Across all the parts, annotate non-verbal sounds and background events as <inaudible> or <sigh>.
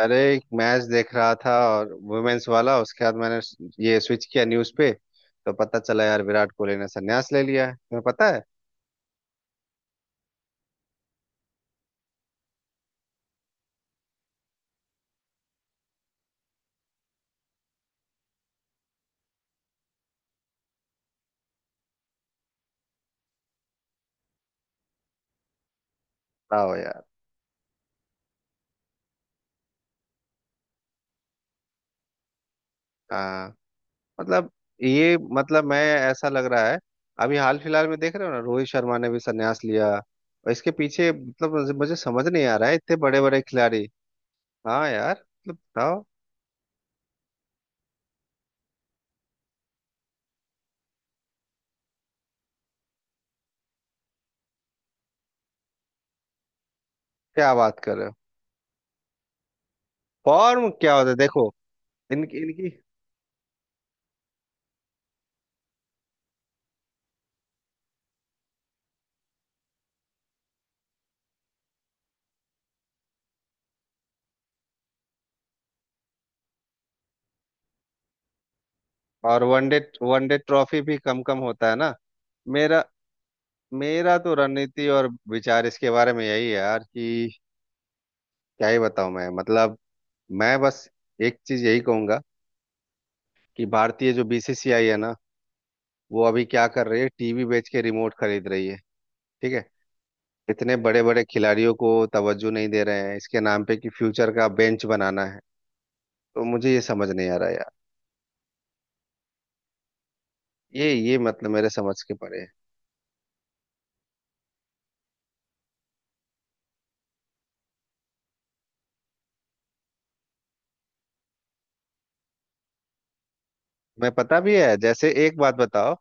अरे, एक मैच देख रहा था, और वुमेन्स वाला। उसके बाद मैंने ये स्विच किया न्यूज पे, तो पता चला यार विराट कोहली ने संन्यास ले लिया है। तुम्हें पता है? बताओ यार। हाँ। मतलब ये मतलब मैं, ऐसा लग रहा है। अभी हाल फिलहाल में देख रहे हो ना, रोहित शर्मा ने भी संन्यास लिया, और इसके पीछे मतलब मुझे मुझे समझ नहीं आ रहा है, इतने बड़े बड़े खिलाड़ी। हाँ यार, मतलब बताओ। क्या बात कर रहे हो! फॉर्म क्या होता है देखो। इनकी इनकी। और वनडे वनडे ट्रॉफी भी कम कम होता है ना। मेरा मेरा तो रणनीति और विचार इसके बारे में यही है यार कि, क्या ही बताऊं मैं, मतलब। मैं बस एक चीज यही कहूंगा कि भारतीय जो बीसीसीआई है ना, वो अभी क्या कर रही है, टीवी बेच के रिमोट खरीद रही है। ठीक है। इतने बड़े बड़े खिलाड़ियों को तवज्जो नहीं दे रहे हैं, इसके नाम पे कि फ्यूचर का बेंच बनाना है। तो मुझे ये समझ नहीं आ रहा यार, ये मतलब मेरे समझ के परे है। मैं, पता भी है, जैसे एक बात बताओ,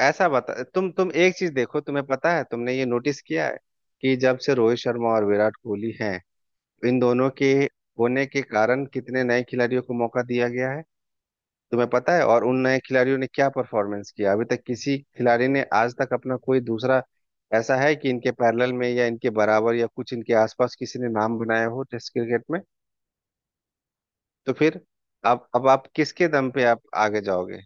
ऐसा बता, तुम एक चीज देखो, तुम्हें पता है, तुमने ये नोटिस किया है कि जब से रोहित शर्मा और विराट कोहली हैं, इन दोनों के होने के कारण कितने नए खिलाड़ियों को मौका दिया गया है? तुम्हें पता है? और उन नए खिलाड़ियों ने क्या परफॉर्मेंस किया? अभी तक किसी खिलाड़ी ने आज तक अपना कोई दूसरा, ऐसा है कि इनके पैरेलल में या इनके बराबर या कुछ इनके आसपास किसी ने नाम बनाया हो टेस्ट क्रिकेट में? तो फिर अब आप किसके दम पे आप आगे जाओगे?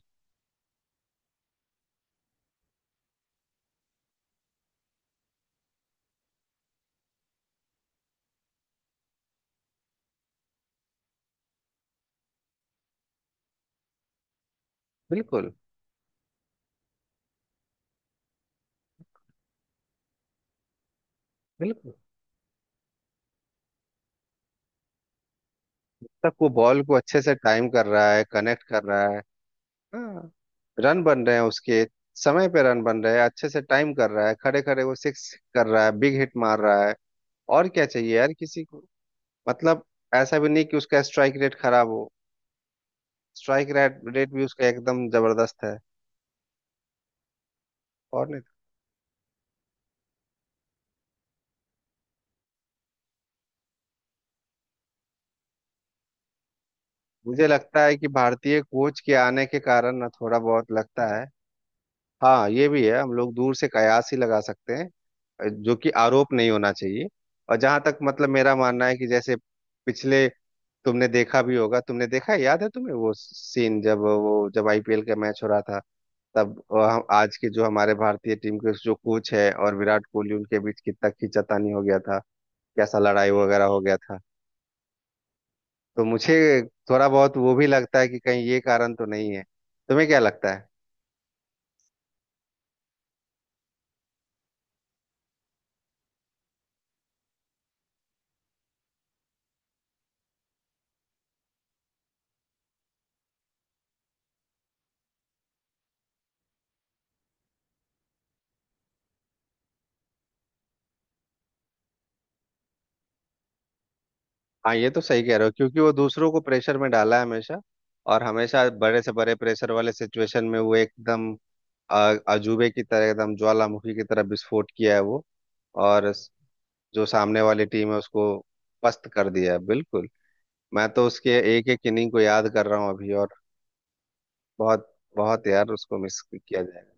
बिल्कुल। बिल्कुल तक वो बॉल को अच्छे से टाइम कर रहा है, कनेक्ट कर रहा है। हाँ, रन बन रहे हैं उसके समय पे, रन बन रहे हैं, अच्छे से टाइम कर रहा है, खड़े खड़े वो सिक्स कर रहा है, बिग हिट मार रहा है। और क्या चाहिए यार किसी को। मतलब ऐसा भी नहीं कि उसका स्ट्राइक रेट खराब हो, स्ट्राइक रेट रेट भी उसका एकदम जबरदस्त है। और नहीं तो। मुझे लगता है कि भारतीय कोच के आने के कारण ना थोड़ा बहुत लगता है। हाँ, ये भी है, हम लोग दूर से कयास ही लगा सकते हैं, जो कि आरोप नहीं होना चाहिए। और जहां तक मतलब मेरा मानना है कि जैसे पिछले, तुमने देखा भी होगा, तुमने देखा है, याद है तुम्हें वो सीन जब, वो जब आईपीएल का मैच हो रहा था, तब हम आज के जो हमारे भारतीय टीम के जो कोच है और विराट कोहली, उनके बीच कितना खींचातानी हो गया था, कैसा लड़ाई वगैरह हो गया था। तो मुझे थोड़ा बहुत वो भी लगता है कि कहीं ये कारण तो नहीं है। तुम्हें क्या लगता है? हाँ, ये तो सही कह रहे हो, क्योंकि वो दूसरों को प्रेशर में डाला है हमेशा। और हमेशा बड़े से बड़े प्रेशर वाले सिचुएशन में वो एकदम अजूबे की तरह, एकदम ज्वालामुखी की तरह विस्फोट किया है वो। और जो सामने वाली टीम है उसको पस्त कर दिया है बिल्कुल। मैं तो उसके एक एक इनिंग को याद कर रहा हूँ अभी, और बहुत। बहुत यार, उसको मिस किया जाएगा।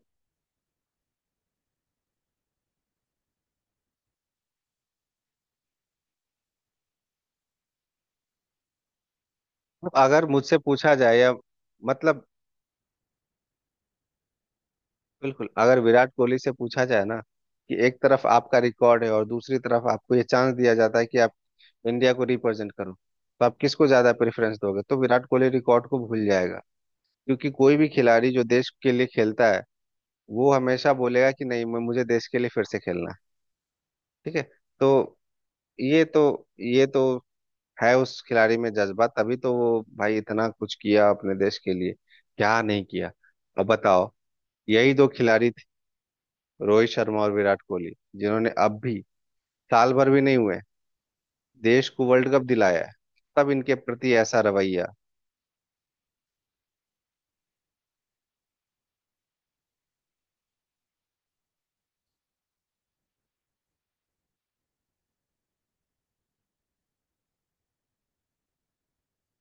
अब अगर मुझसे पूछा जाए, या मतलब, बिल्कुल अगर विराट कोहली से पूछा जाए ना, कि एक तरफ आपका रिकॉर्ड है और दूसरी तरफ आपको ये चांस दिया जाता है कि आप इंडिया को रिप्रेजेंट करो, तो आप किसको ज्यादा प्रेफरेंस दोगे, तो विराट कोहली रिकॉर्ड को भूल जाएगा, क्योंकि कोई भी खिलाड़ी जो देश के लिए खेलता है वो हमेशा बोलेगा कि नहीं, मुझे देश के लिए फिर से खेलना है। ठीक है। तो ये तो ये तो है उस खिलाड़ी में जज्बा, तभी तो वो भाई इतना कुछ किया अपने देश के लिए। क्या नहीं किया। अब बताओ, यही दो खिलाड़ी, रोहित शर्मा और विराट कोहली, जिन्होंने अब भी, साल भर भी नहीं हुए, देश को वर्ल्ड कप दिलाया है, तब इनके प्रति ऐसा रवैया।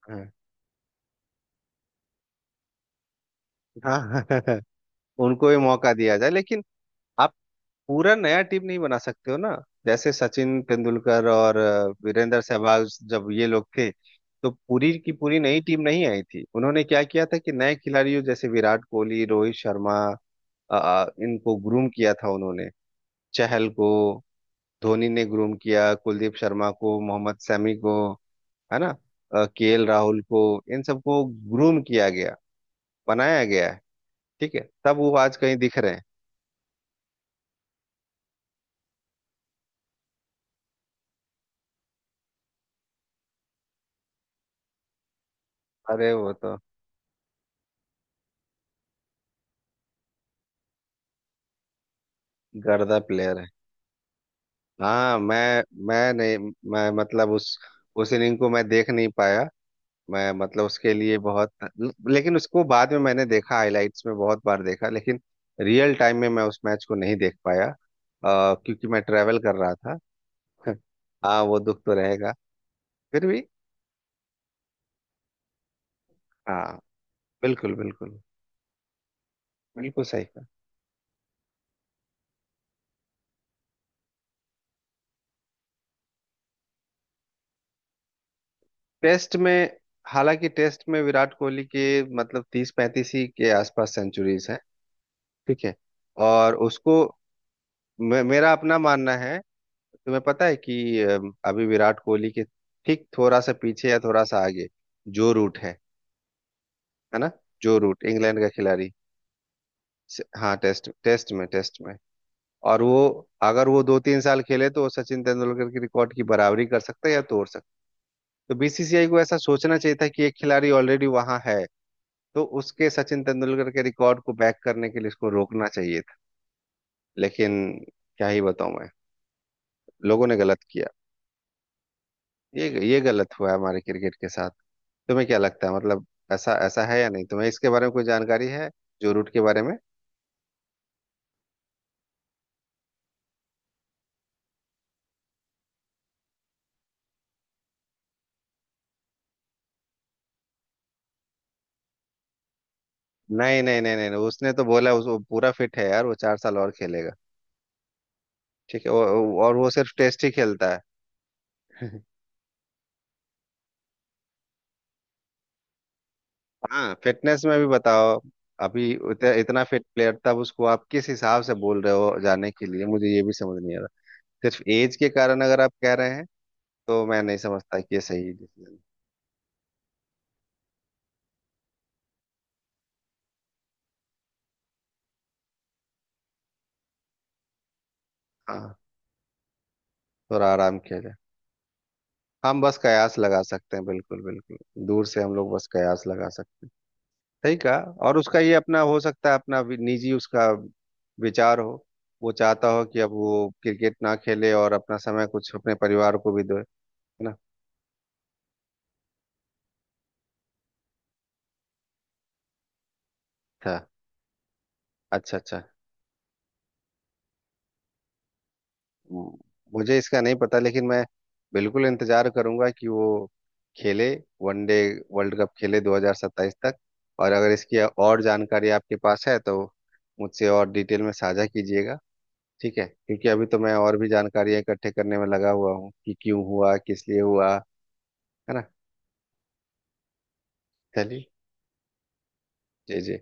हाँ, हाँ, <laughs> उनको भी मौका दिया जाए, लेकिन आप पूरा नया टीम नहीं बना सकते हो ना। जैसे सचिन तेंदुलकर और वीरेंद्र सहवाग जब ये लोग थे, तो पूरी की पूरी नई टीम नहीं आई थी। उन्होंने क्या किया था कि नए खिलाड़ियों जैसे विराट कोहली, रोहित शर्मा, इनको ग्रूम किया था उन्होंने। चहल को धोनी ने ग्रूम किया, कुलदीप शर्मा को, मोहम्मद शमी को, है ना, केएल राहुल को, इन सबको ग्रूम किया गया, बनाया गया है। ठीक है, तब वो आज कहीं दिख रहे हैं। अरे वो तो गर्दा प्लेयर है। हाँ, मैं नहीं, मैं मतलब उस इनिंग को मैं देख नहीं पाया, मैं मतलब उसके लिए बहुत, लेकिन उसको बाद में मैंने देखा, हाइलाइट्स में बहुत बार देखा, लेकिन रियल टाइम में मैं उस मैच को नहीं देख पाया, क्योंकि मैं ट्रैवल कर रहा था। <laughs> हाँ, वो दुख तो रहेगा, फिर भी। हाँ, बिल्कुल बिल्कुल। बिल्कुल सही कहा। टेस्ट में, हालांकि टेस्ट में विराट कोहली के मतलब 30 35 ही के आसपास सेंचुरीज हैं। ठीक है, और उसको, मेरा अपना मानना है, तुम्हें पता है कि अभी विराट कोहली के ठीक थोड़ा सा पीछे या थोड़ा सा आगे जो रूट है ना, जो रूट इंग्लैंड का खिलाड़ी, हाँ टेस्ट, टेस्ट में, और वो, अगर वो 2 3 साल खेले तो वो सचिन तेंदुलकर की रिकॉर्ड की बराबरी कर सकता है या तोड़। तो बीसीसीआई को ऐसा सोचना चाहिए था कि एक खिलाड़ी ऑलरेडी वहां है, तो उसके, सचिन तेंदुलकर के रिकॉर्ड को बैक करने के लिए इसको रोकना चाहिए था। लेकिन क्या ही बताऊं मैं, लोगों ने गलत किया, ये गलत हुआ है हमारे क्रिकेट के साथ। तुम्हें क्या लगता है, मतलब, ऐसा ऐसा है या नहीं, तुम्हें इसके बारे में कोई जानकारी है जो रूट के बारे में? नहीं नहीं नहीं नहीं नहीं, उसने तो बोला, उस वो पूरा फिट है यार, वो 4 साल और खेलेगा। ठीक है, और वो सिर्फ टेस्ट ही खेलता है। <laughs> हाँ, फिटनेस में भी बताओ, अभी इतना फिट प्लेयर, तब उसको आप किस हिसाब से बोल रहे हो जाने के लिए, मुझे ये भी समझ नहीं आ रहा। सिर्फ एज के कारण अगर आप कह रहे हैं तो मैं नहीं समझता कि ये सही डिसीजन। हाँ, थोड़ा आराम किया जाए। हम बस कयास लगा सकते हैं, बिल्कुल बिल्कुल। दूर से हम लोग बस कयास लगा सकते हैं। सही कहा। और उसका ये अपना हो सकता है, अपना निजी उसका विचार हो, वो चाहता हो कि अब वो क्रिकेट ना खेले और अपना समय कुछ अपने परिवार को भी दे। है ना? अच्छा, अच्छा, अच्छा। हम्म, मुझे इसका नहीं पता, लेकिन मैं बिल्कुल इंतजार करूंगा कि वो खेले, वनडे वर्ल्ड कप खेले 2027 तक। और अगर इसकी और जानकारी आपके पास है तो मुझसे और डिटेल में साझा कीजिएगा। ठीक है, क्योंकि अभी तो मैं और भी जानकारियां इकट्ठे करने में लगा हुआ हूँ कि क्यों हुआ, किस लिए हुआ। है ना? चलिए। जी जी,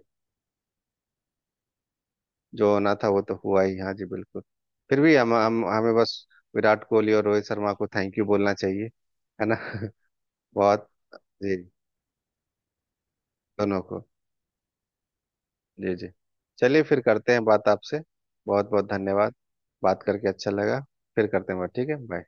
जो होना था वो तो हुआ ही, हाँ जी बिल्कुल। फिर भी हम हमें बस विराट कोहली और रोहित शर्मा को थैंक यू बोलना चाहिए, है ना। <laughs> बहुत। जी। दोनों को। जी जी, चलिए फिर करते हैं बात आपसे, बहुत बहुत धन्यवाद। बात करके अच्छा लगा। फिर करते हैं बात, ठीक है, बाय।